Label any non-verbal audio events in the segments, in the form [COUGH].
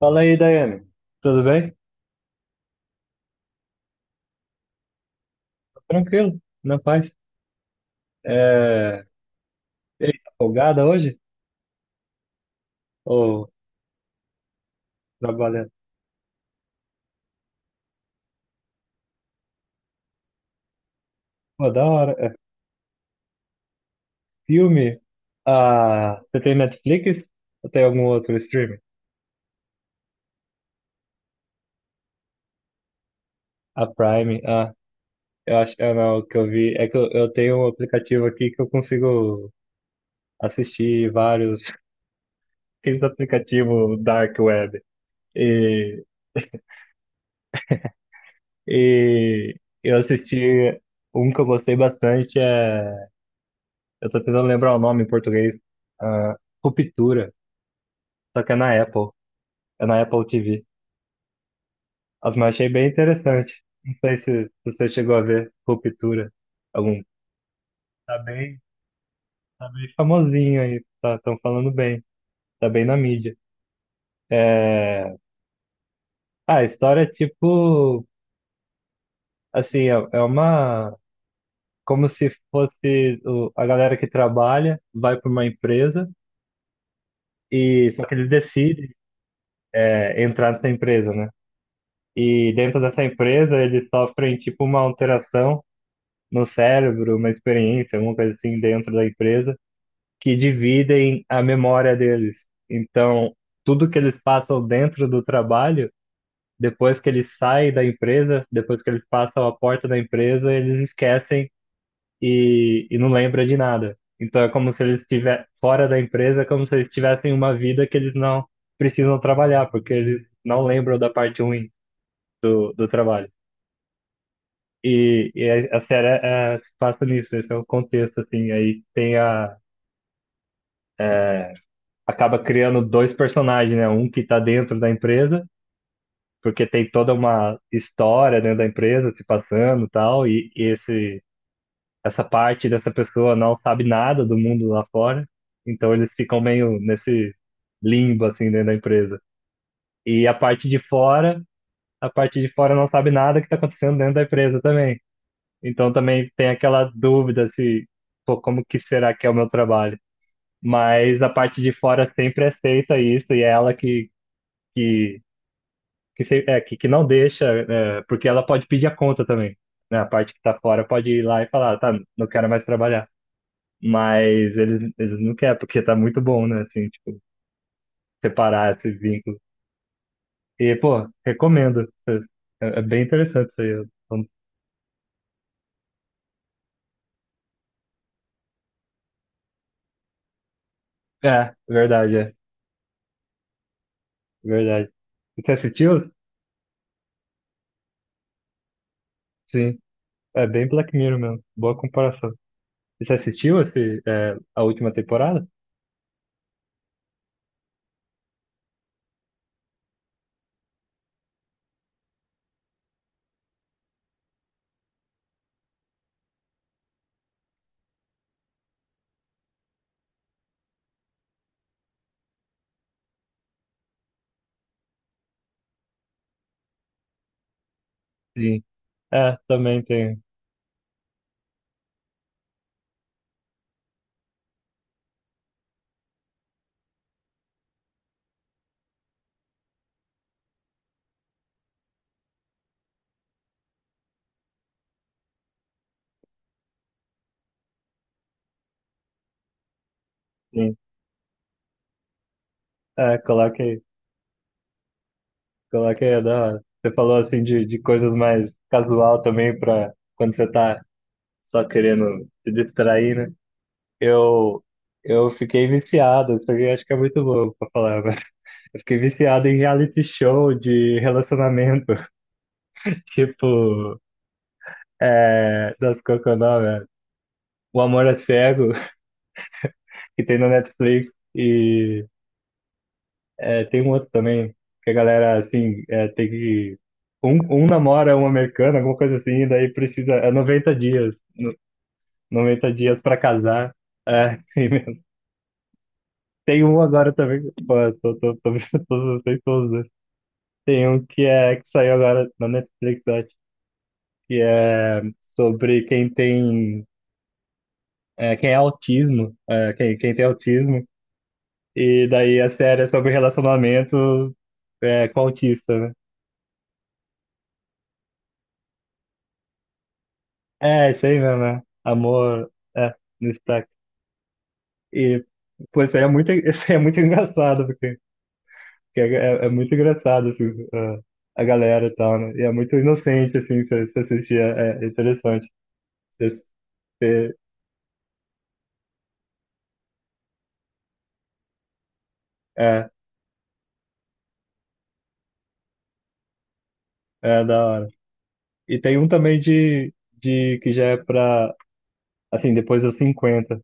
Fala aí, Daiane. Tudo bem? Tranquilo, na paz. É... E aí, tá folgada hoje? Ou trabalhando? Pô, da hora. É filme? Ah, você tem Netflix? Ou tem algum outro streaming? A Prime? Ah, eu acho ah, não, O que eu vi é que eu tenho um aplicativo aqui que eu consigo assistir vários. [LAUGHS] Esse aplicativo Dark Web. E, e eu assisti um que eu gostei bastante. Eu tô tentando lembrar o nome em português. Ah, Ruptura. Só que é na Apple. É na Apple TV. As Mas eu achei bem interessante. Não sei se você chegou a ver Ruptura. Algum. Tá bem, tá bem famosinho aí. Tá, tão falando bem. Tá bem na mídia. É... Ah, a história é tipo. Assim, é, é uma. Como se fosse a galera que trabalha, vai para uma empresa e só que eles decidem entrar nessa empresa, né? E dentro dessa empresa, eles sofrem tipo uma alteração no cérebro, uma experiência, alguma coisa assim dentro da empresa, que dividem a memória deles. Então, tudo que eles passam dentro do trabalho, depois que eles saem da empresa, depois que eles passam a porta da empresa, eles esquecem e não lembram de nada. Então, é como se eles estivessem fora da empresa, é como se eles tivessem uma vida que eles não precisam trabalhar, porque eles não lembram da parte ruim do trabalho. E a série se passa nisso, esse é o contexto, assim. Aí tem a. Acaba criando dois personagens, né? Um que tá dentro da empresa, porque tem toda uma história dentro da empresa se passando e tal, e essa parte dessa pessoa não sabe nada do mundo lá fora, então eles ficam meio nesse limbo, assim, dentro da empresa. E a parte de fora, a parte de fora não sabe nada que tá acontecendo dentro da empresa também. Então também tem aquela dúvida se, pô, como que será que é o meu trabalho? Mas a parte de fora sempre aceita isso e é ela que, que não deixa, é, porque ela pode pedir a conta também, né? A parte que tá fora pode ir lá e falar, tá, não quero mais trabalhar. Mas eles não querem, porque tá muito bom, né? Assim, tipo, separar esse vínculo. E, pô, recomendo. É bem interessante isso aí. Eu- É, verdade, verdade. Você assistiu? Sim. É bem Black Mirror mesmo. Boa comparação. E você assistiu esse, é, a última temporada? Sim. É, também tem. Sim. É, coloquei, coloquei a da hora. Você falou assim de coisas mais casual também para quando você tá só querendo se distrair, né? Eu, eu fiquei viciado, isso aqui eu acho que é muito bom pra falar, mas [LAUGHS] eu fiquei viciado em reality show de relacionamento, [LAUGHS] tipo, é, das qual que é o nome? É? O Amor é Cego, que tem na Netflix. E é, tem um outro também, que a galera, assim, é, tem que. Um, um namora um americano, alguma coisa assim, e daí precisa. É 90 dias. Noventa dias pra casar. É, [LAUGHS] assim mesmo. Tem um agora também. Pô, eu tô vendo [LAUGHS] todos, eu sei todos, né? Tem um que é que saiu agora na Netflix, eu acho, que é sobre quem tem. É, quem é autismo. É, quem, quem tem autismo. E daí a série é sobre relacionamento é, com autista, né? É, isso aí mesmo, né? Amor, é, no sotaque. E, pô, isso aí é muito, [LAUGHS] isso aí é muito engraçado, porque, porque é muito engraçado, assim, a galera e tal, né? E é muito inocente, assim, se assistir, é, é interessante. Se- se- é, É da hora. E tem um também que já é pra, assim, depois dos 50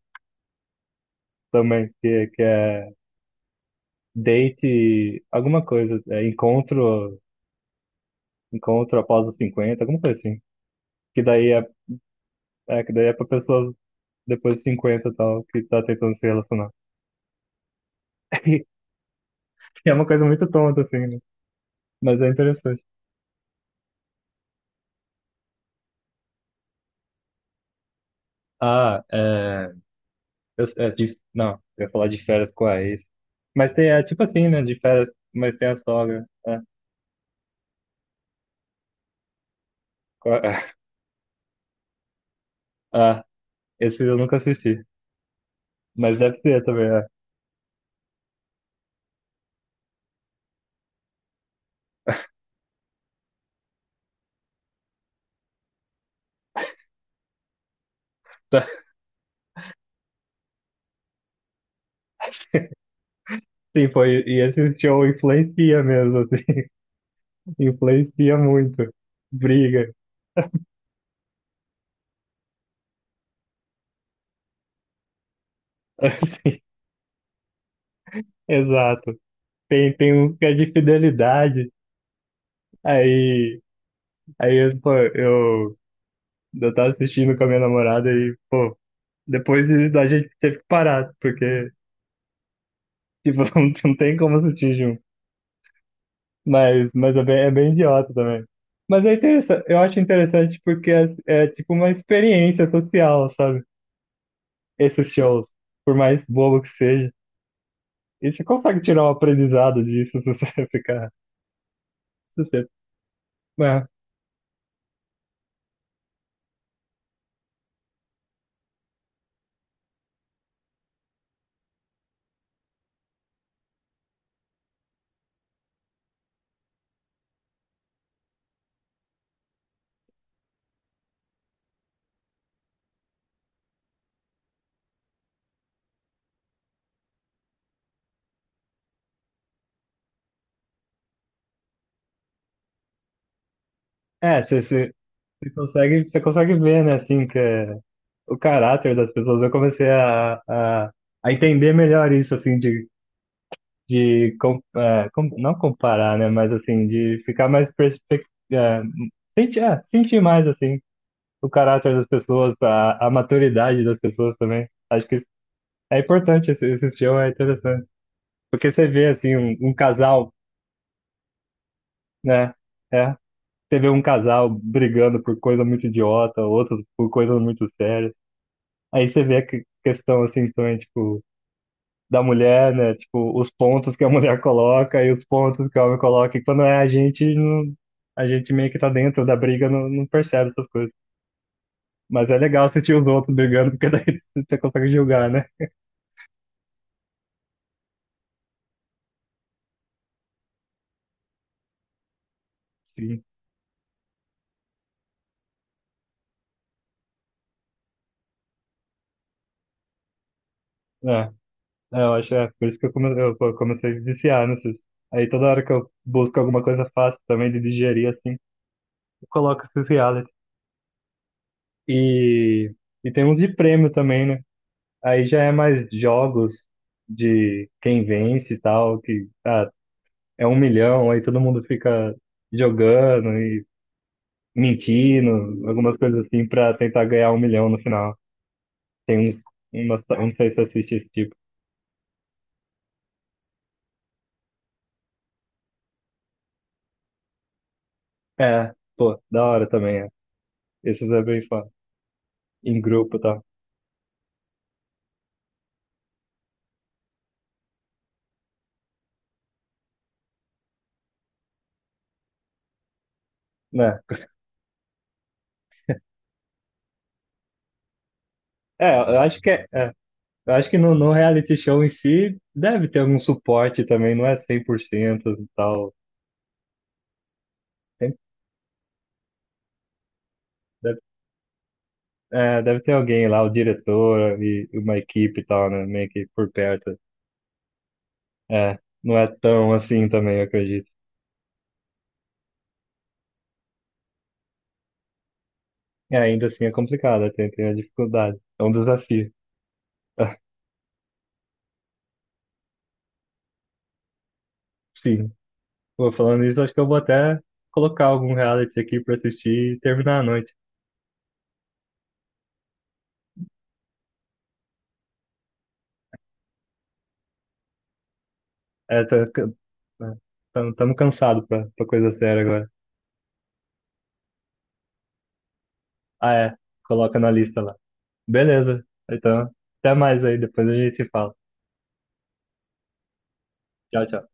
também, que é date, alguma coisa, é encontro após os 50, alguma coisa assim. Que daí é, que daí é pra pessoas depois de 50 e tal, que tá tentando se relacionar. [LAUGHS] Que é uma coisa muito tonta, assim, né? Mas é interessante. Ah, é. Eu, não, eu ia falar de férias com a ex. Mas tem, é tipo assim, né? De férias, mas tem a sogra. É, com a- [LAUGHS] ah, esse eu nunca assisti. Mas deve ser também, é. [LAUGHS] Tá. Sim, foi. E esse show influencia mesmo, assim. [LAUGHS] Influencia muito. Briga. Assim, [LAUGHS] exato. Tem, tem uns que é de fidelidade. Aí, aí eu, pô, eu tava assistindo com a minha namorada e, pô, depois a gente teve que parar, porque, tipo, [LAUGHS] não tem como assistir junto. Mas é bem idiota também. Mas é interessante, eu acho interessante é tipo uma experiência social, sabe? Esses shows, por mais bobo que seja. E você consegue tirar um aprendizado disso [LAUGHS] se você ficar. Se você, é, é, você, você, você consegue ver, né, assim, que é o caráter das pessoas. Eu comecei a entender melhor isso, assim, de não comparar, né? Mas assim, de ficar mais perspectiva, sentir mais assim o caráter das pessoas, a maturidade das pessoas também. Acho que é importante esse show, é interessante. Porque você vê assim um casal, né? É, você vê um casal brigando por coisa muito idiota, outro por coisa muito séria. Aí você vê a questão assim também, tipo da mulher, né? Tipo, os pontos que a mulher coloca e os pontos que o homem coloca. E quando é a gente, não, a gente meio que tá dentro da briga, não percebe essas coisas. Mas é legal sentir os outros brigando, porque daí [LAUGHS] você consegue julgar, né? Sim. É, eu acho, é por isso que eu comecei a viciar nesses. Aí toda hora que eu busco alguma coisa fácil também de digerir, assim, eu coloco esses reality. E, e tem uns de prêmio também, né? Aí já é mais jogos de quem vence e tal, que ah, é 1 milhão, aí todo mundo fica jogando e mentindo, algumas coisas assim, pra tentar ganhar 1 milhão no final. Tem uns, eu não sei se assiste esse tipo. É, pô, da hora também, é. Esses é bem fã, em grupo e tal. Né? É, eu acho que é, é. Eu acho que no reality show em si deve ter algum suporte também, não é 100% e tal. Tem- deve deve ter alguém lá, o diretor e uma equipe e tal, né? Meio que por perto. É, não é tão assim também, eu acredito. É, ainda assim é complicado, tem a dificuldade. É um desafio. [LAUGHS] Sim. Pô, falando isso, acho que eu vou até colocar algum reality aqui pra assistir e terminar a noite. É, tá, estamos cansados pra coisa séria agora. Ah, é. Coloca na lista lá. Beleza. Então, até mais aí, depois a gente se fala. Tchau, tchau.